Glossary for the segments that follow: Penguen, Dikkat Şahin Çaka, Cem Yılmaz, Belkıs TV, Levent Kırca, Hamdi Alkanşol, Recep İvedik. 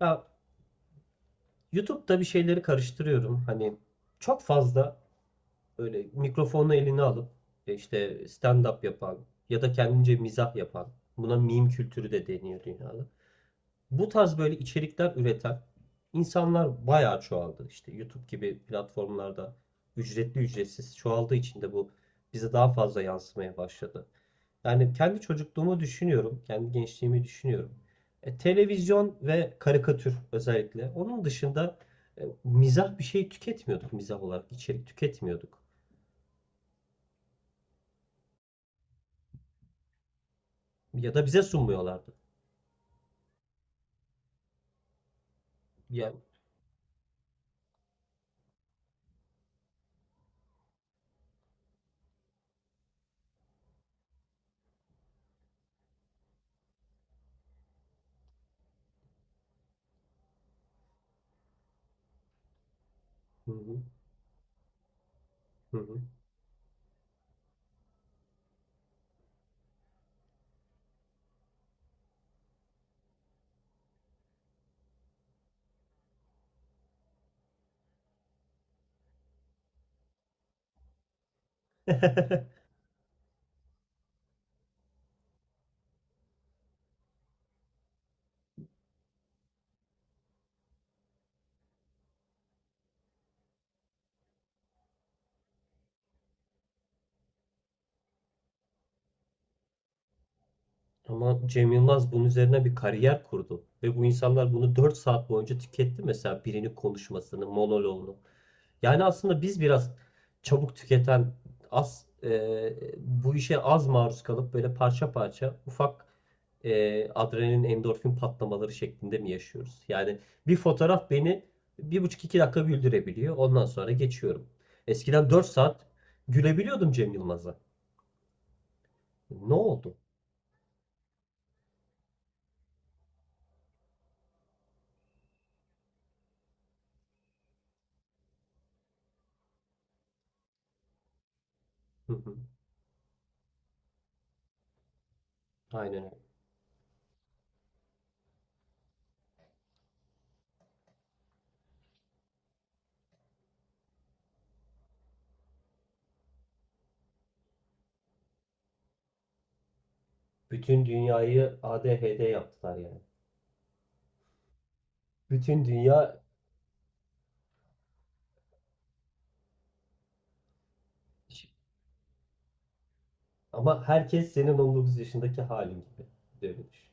Ya, YouTube'da bir şeyleri karıştırıyorum. Hani çok fazla böyle mikrofonu eline alıp işte stand-up yapan ya da kendince mizah yapan. Buna meme kültürü de deniyor dünyada. Bu tarz böyle içerikler üreten insanlar bayağı çoğaldı. İşte YouTube gibi platformlarda ücretli ücretsiz çoğaldığı için de bu bize daha fazla yansımaya başladı. Yani kendi çocukluğumu düşünüyorum, kendi gençliğimi düşünüyorum. Televizyon ve karikatür özellikle. Onun dışında mizah bir şey tüketmiyorduk mizah olarak, içerik tüketmiyorduk. Ya da bize sunmuyorlardı. Ya, hı hı, hı hı. Ama Cem Yılmaz bunun üzerine bir kariyer kurdu. Ve bu insanlar bunu 4 saat boyunca tüketti mesela birinin konuşmasını, monoloğunu. Yani aslında biz biraz çabuk tüketen, az bu işe az maruz kalıp böyle parça parça ufak adrenalin, endorfin patlamaları şeklinde mi yaşıyoruz? Yani bir fotoğraf beni bir buçuk iki dakika güldürebiliyor. Ondan sonra geçiyorum. Eskiden 4 saat gülebiliyordum Cem Yılmaz'a. Ne oldu? Hı hı. Aynen öyle. Bütün dünyayı ADHD yaptılar yani. Bütün dünya ama herkes senin 19 yaşındaki halin gibi. Öyle düşün.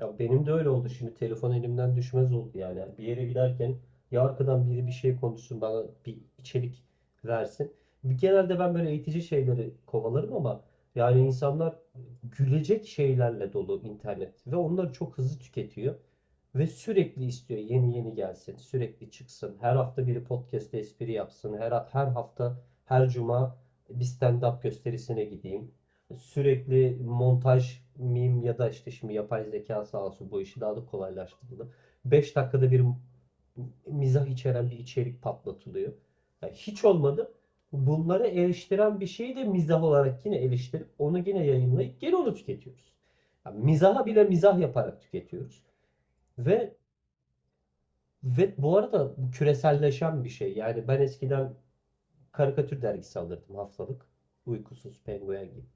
Ya, benim de öyle oldu. Şimdi telefon elimden düşmez oldu yani. Bir yere giderken ya arkadan biri bir şey konuşsun bana bir içerik versin. Genelde ben böyle eğitici şeyleri kovalarım ama yani insanlar gülecek şeylerle dolu internet ve onları çok hızlı tüketiyor ve sürekli istiyor yeni yeni gelsin, sürekli çıksın. Her hafta biri podcast'te espri yapsın. Her hafta her cuma bir stand-up gösterisine gideyim. Sürekli montaj, meme ya da işte şimdi yapay zeka sağ olsun bu işi daha da kolaylaştırdı. 5 dakikada bir mizah içeren bir içerik patlatılıyor. Yani hiç olmadı. Bunları eleştiren bir şeyi de mizah olarak yine eleştirip onu yine yayınlayıp geri onu tüketiyoruz. Yani mizaha bile mizah yaparak tüketiyoruz. Ve ve bu arada bu küreselleşen bir şey. Yani ben eskiden karikatür dergisi alırdım haftalık. Uykusuz Penguen gibi.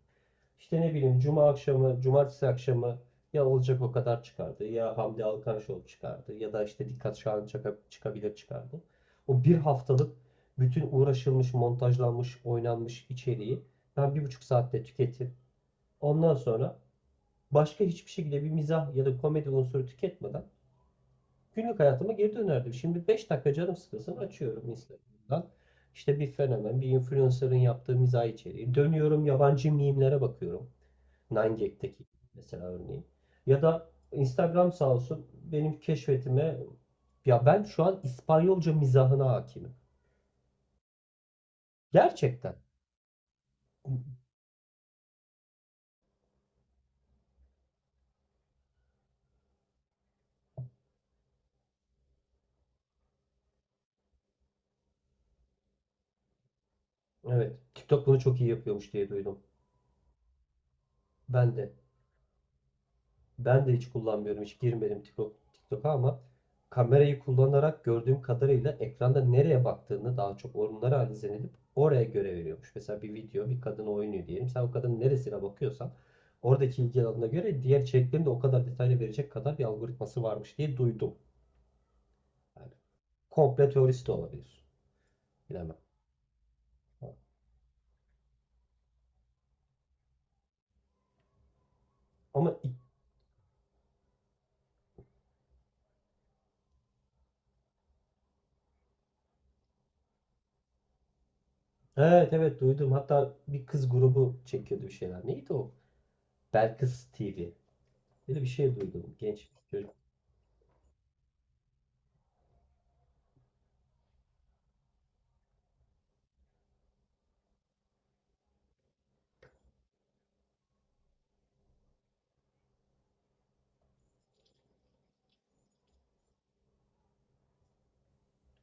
İşte ne bileyim cuma akşamı, cumartesi akşamı ya Olacak o kadar çıkardı ya Hamdi Alkanşol çıkardı ya da işte Dikkat Şahin çıkabilir çıkardı. O bir haftalık bütün uğraşılmış, montajlanmış, oynanmış içeriği ben 1,5 saatte tüketip ondan sonra başka hiçbir şekilde bir mizah ya da komedi unsuru tüketmeden günlük hayatıma geri dönerdim. Şimdi 5 dakika canım sıkılsın açıyorum Instagram'dan. İşte bir fenomen, bir influencer'ın yaptığı mizah içeriği. Dönüyorum yabancı mimlere bakıyorum. 9gag'teki mesela örneğin. Ya da Instagram sağ olsun benim keşfetime ya ben şu an İspanyolca mizahına hakimim. Gerçekten. Evet. TikTok bunu çok iyi yapıyormuş diye duydum. Ben de. Ben de hiç kullanmıyorum. Hiç girmedim TikTok'a ama kamerayı kullanarak gördüğüm kadarıyla ekranda nereye baktığını daha çok onları analiz edip oraya göre veriyormuş. Mesela bir video bir kadın oynuyor diyelim. Sen o kadının neresine bakıyorsan oradaki ilgi alanına göre diğer içeriklerini de o kadar detaylı verecek kadar bir algoritması varmış diye duydum. Yani komple teorisi de olabilir. Bilemem. Ama evet, evet, duydum. Hatta bir kız grubu çekiyordu bir şeyler. Neydi o? Belkıs TV. Böyle bir şey duydum. Genç çocuk.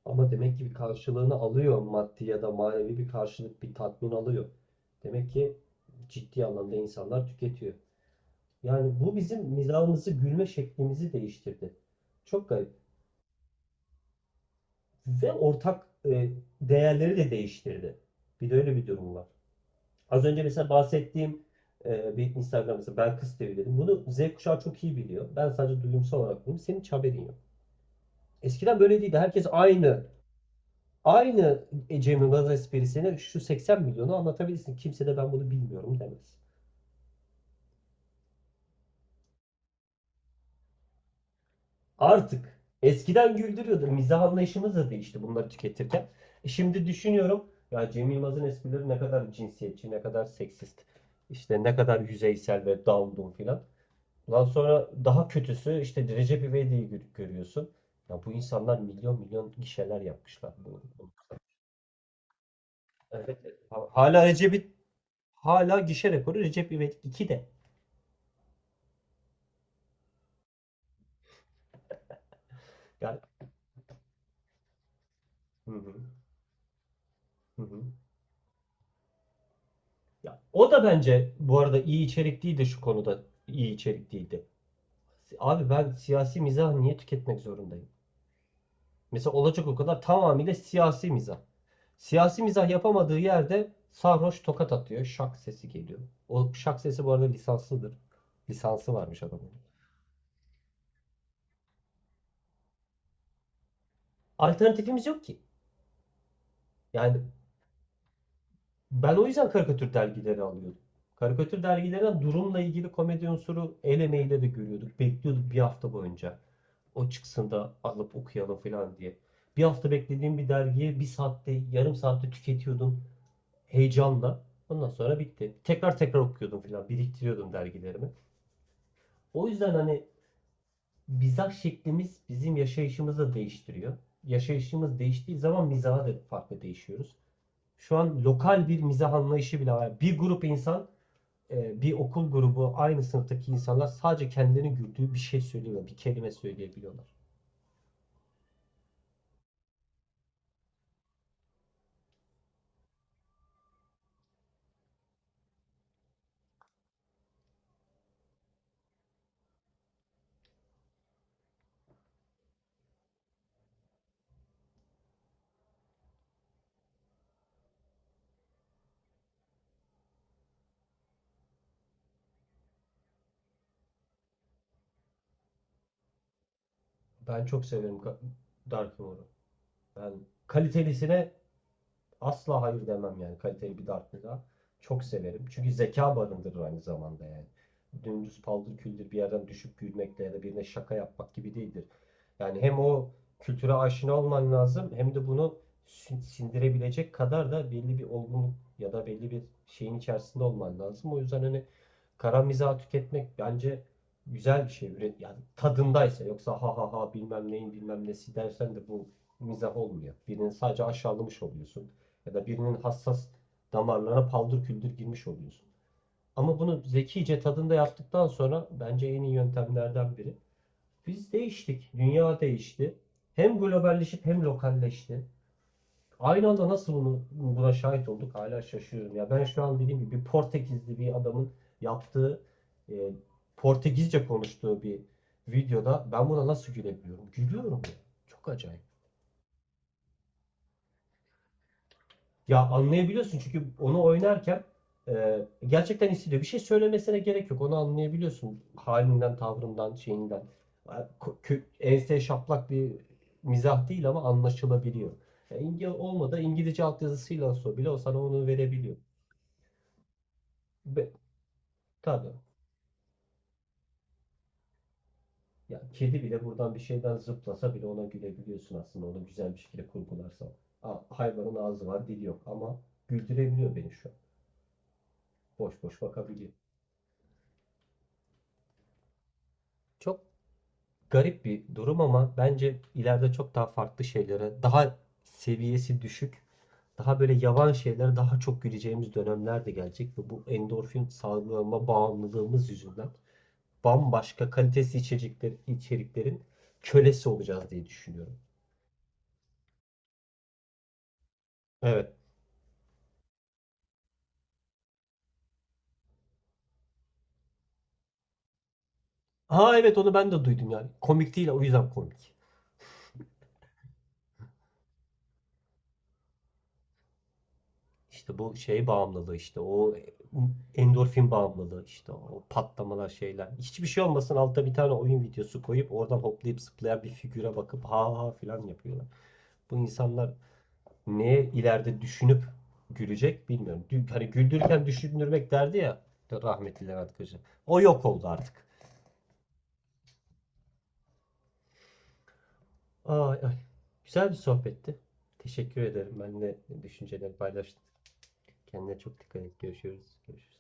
Ama demek ki bir karşılığını alıyor maddi ya da manevi bir karşılık, bir tatmin alıyor. Demek ki ciddi anlamda insanlar tüketiyor. Yani bu bizim mizahımızı, gülme şeklimizi değiştirdi. Çok garip. Ve ortak değerleri de değiştirdi. Bir de öyle bir durum var. Az önce mesela bahsettiğim bir Instagram mesela ben kız TV dedim. Bunu Z kuşağı çok iyi biliyor. Ben sadece duyumsal olarak biliyorum. Senin hiç haberin yok. Eskiden böyle değildi. Herkes aynı Cemil Gaza esprisini şu 80 milyonu anlatabilirsin. Kimse de ben bunu bilmiyorum demez. Artık eskiden güldürüyordu. Mizah anlayışımız da değişti bunları tüketirken. Şimdi düşünüyorum ya Cem Yılmaz'ın esprileri ne kadar cinsiyetçi, ne kadar seksist, işte ne kadar yüzeysel ve down filan. Ondan sonra daha kötüsü işte Recep İvedik'i görüyorsun. Ya bu insanlar milyon milyon gişeler yapmışlar. Evet. Hala Recep'i Hala gişe rekoru Recep İvedik 2'de. Yani. Hı hı. Hı hı. Ya, o da bence bu arada iyi içerikliydi şu konuda. İyi içerikliydi. Abi ben siyasi mizah niye tüketmek zorundayım? Mesela olacak o kadar tamamıyla siyasi mizah. Siyasi mizah yapamadığı yerde sarhoş tokat atıyor. Şak sesi geliyor. O şak sesi bu arada lisanslıdır. Lisansı varmış adamın. Alternatifimiz yok ki. Yani ben o yüzden karikatür dergileri alıyordum. Karikatür dergilerinden durumla ilgili komedi unsuru el emeğiyle de görüyorduk. Bekliyorduk bir hafta boyunca. O çıksın da alıp okuyalım falan diye. Bir hafta beklediğim bir dergiyi bir saatte, yarım saatte tüketiyordum heyecanla. Ondan sonra bitti. Tekrar tekrar okuyordum falan, biriktiriyordum dergilerimi. O yüzden hani mizah şeklimiz bizim yaşayışımızı da değiştiriyor. Yaşayışımız değiştiği zaman mizaha da farklı değişiyoruz. Şu an lokal bir mizah anlayışı bile var. Bir grup insan bir okul grubu aynı sınıftaki insanlar sadece kendilerini güldüğü bir şey söylüyor, bir kelime söyleyebiliyorlar. Ben çok severim Dark Humor'u. Ben kalitelisine asla hayır demem yani kaliteli bir Dark'lığa. Çok severim. Çünkü zeka barındırır aynı zamanda yani. Dümdüz paldır küldür bir yerden düşüp gülmekle ya da birine şaka yapmak gibi değildir. Yani hem o kültüre aşina olman lazım hem de bunu sindirebilecek kadar da belli bir olgunluk ya da belli bir şeyin içerisinde olman lazım. O yüzden hani kara mizahı tüketmek bence güzel bir şey. Üret yani tadındaysa yoksa ha ha ha bilmem neyin bilmem nesi dersen de bu mizah olmuyor. Birini sadece aşağılamış oluyorsun ya da birinin hassas damarlarına paldır küldür girmiş oluyorsun. Ama bunu zekice tadında yaptıktan sonra bence en iyi yöntemlerden biri. Biz değiştik, dünya değişti. Hem globalleşip hem lokalleşti. Aynı anda nasıl bunu, buna şahit olduk hala şaşıyorum. Ya, ben şu an dediğim gibi bir Portekizli bir adamın yaptığı, e, Portekizce konuştuğu bir videoda ben buna nasıl gülebiliyorum? Gülüyorum ya. Çok acayip. Ya anlayabiliyorsun çünkü onu oynarken gerçekten hissediyor. Bir şey söylemesine gerek yok. Onu anlayabiliyorsun halinden, tavrından, şeyinden. Ha, ense şaplak bir mizah değil ama anlaşılabiliyor. Ya İngilizce altyazısıyla olsa bile o sana onu verebiliyor. Be, tabii. Ya kedi bile buradan bir şeyden zıplasa bile ona gülebiliyorsun aslında onu güzel bir şekilde kurgularsan. Ha, hayvanın ağzı var, dili yok ama güldürebiliyor beni şu an. Boş boş bakabiliyor. Çok garip bir durum ama bence ileride çok daha farklı şeylere, daha seviyesi düşük, daha böyle yavan şeylere daha çok güleceğimiz dönemler de gelecek ve bu endorfin salgılama bağımlılığımız yüzünden bambaşka kalitesiz içecekler, içeriklerin kölesi olacağız diye düşünüyorum. Evet. Ha, evet, onu ben de duydum yani. Komik değil o yüzden komik. İşte bu şey bağımlılığı işte o endorfin bağımlılığı işte o patlamalar şeyler. Hiçbir şey olmasın altta bir tane oyun videosu koyup oradan hoplayıp zıplayan bir figüre bakıp ha ha filan yapıyorlar. Bu insanlar neye ileride düşünüp gülecek bilmiyorum. Dün, hani güldürürken düşündürmek derdi ya rahmetli Levent Kırca. O yok oldu artık. Ay, ay. Güzel bir sohbetti. Teşekkür ederim. Benimle düşünceleri paylaştın. Kendine çok dikkat et. Görüşürüz. Görüşürüz.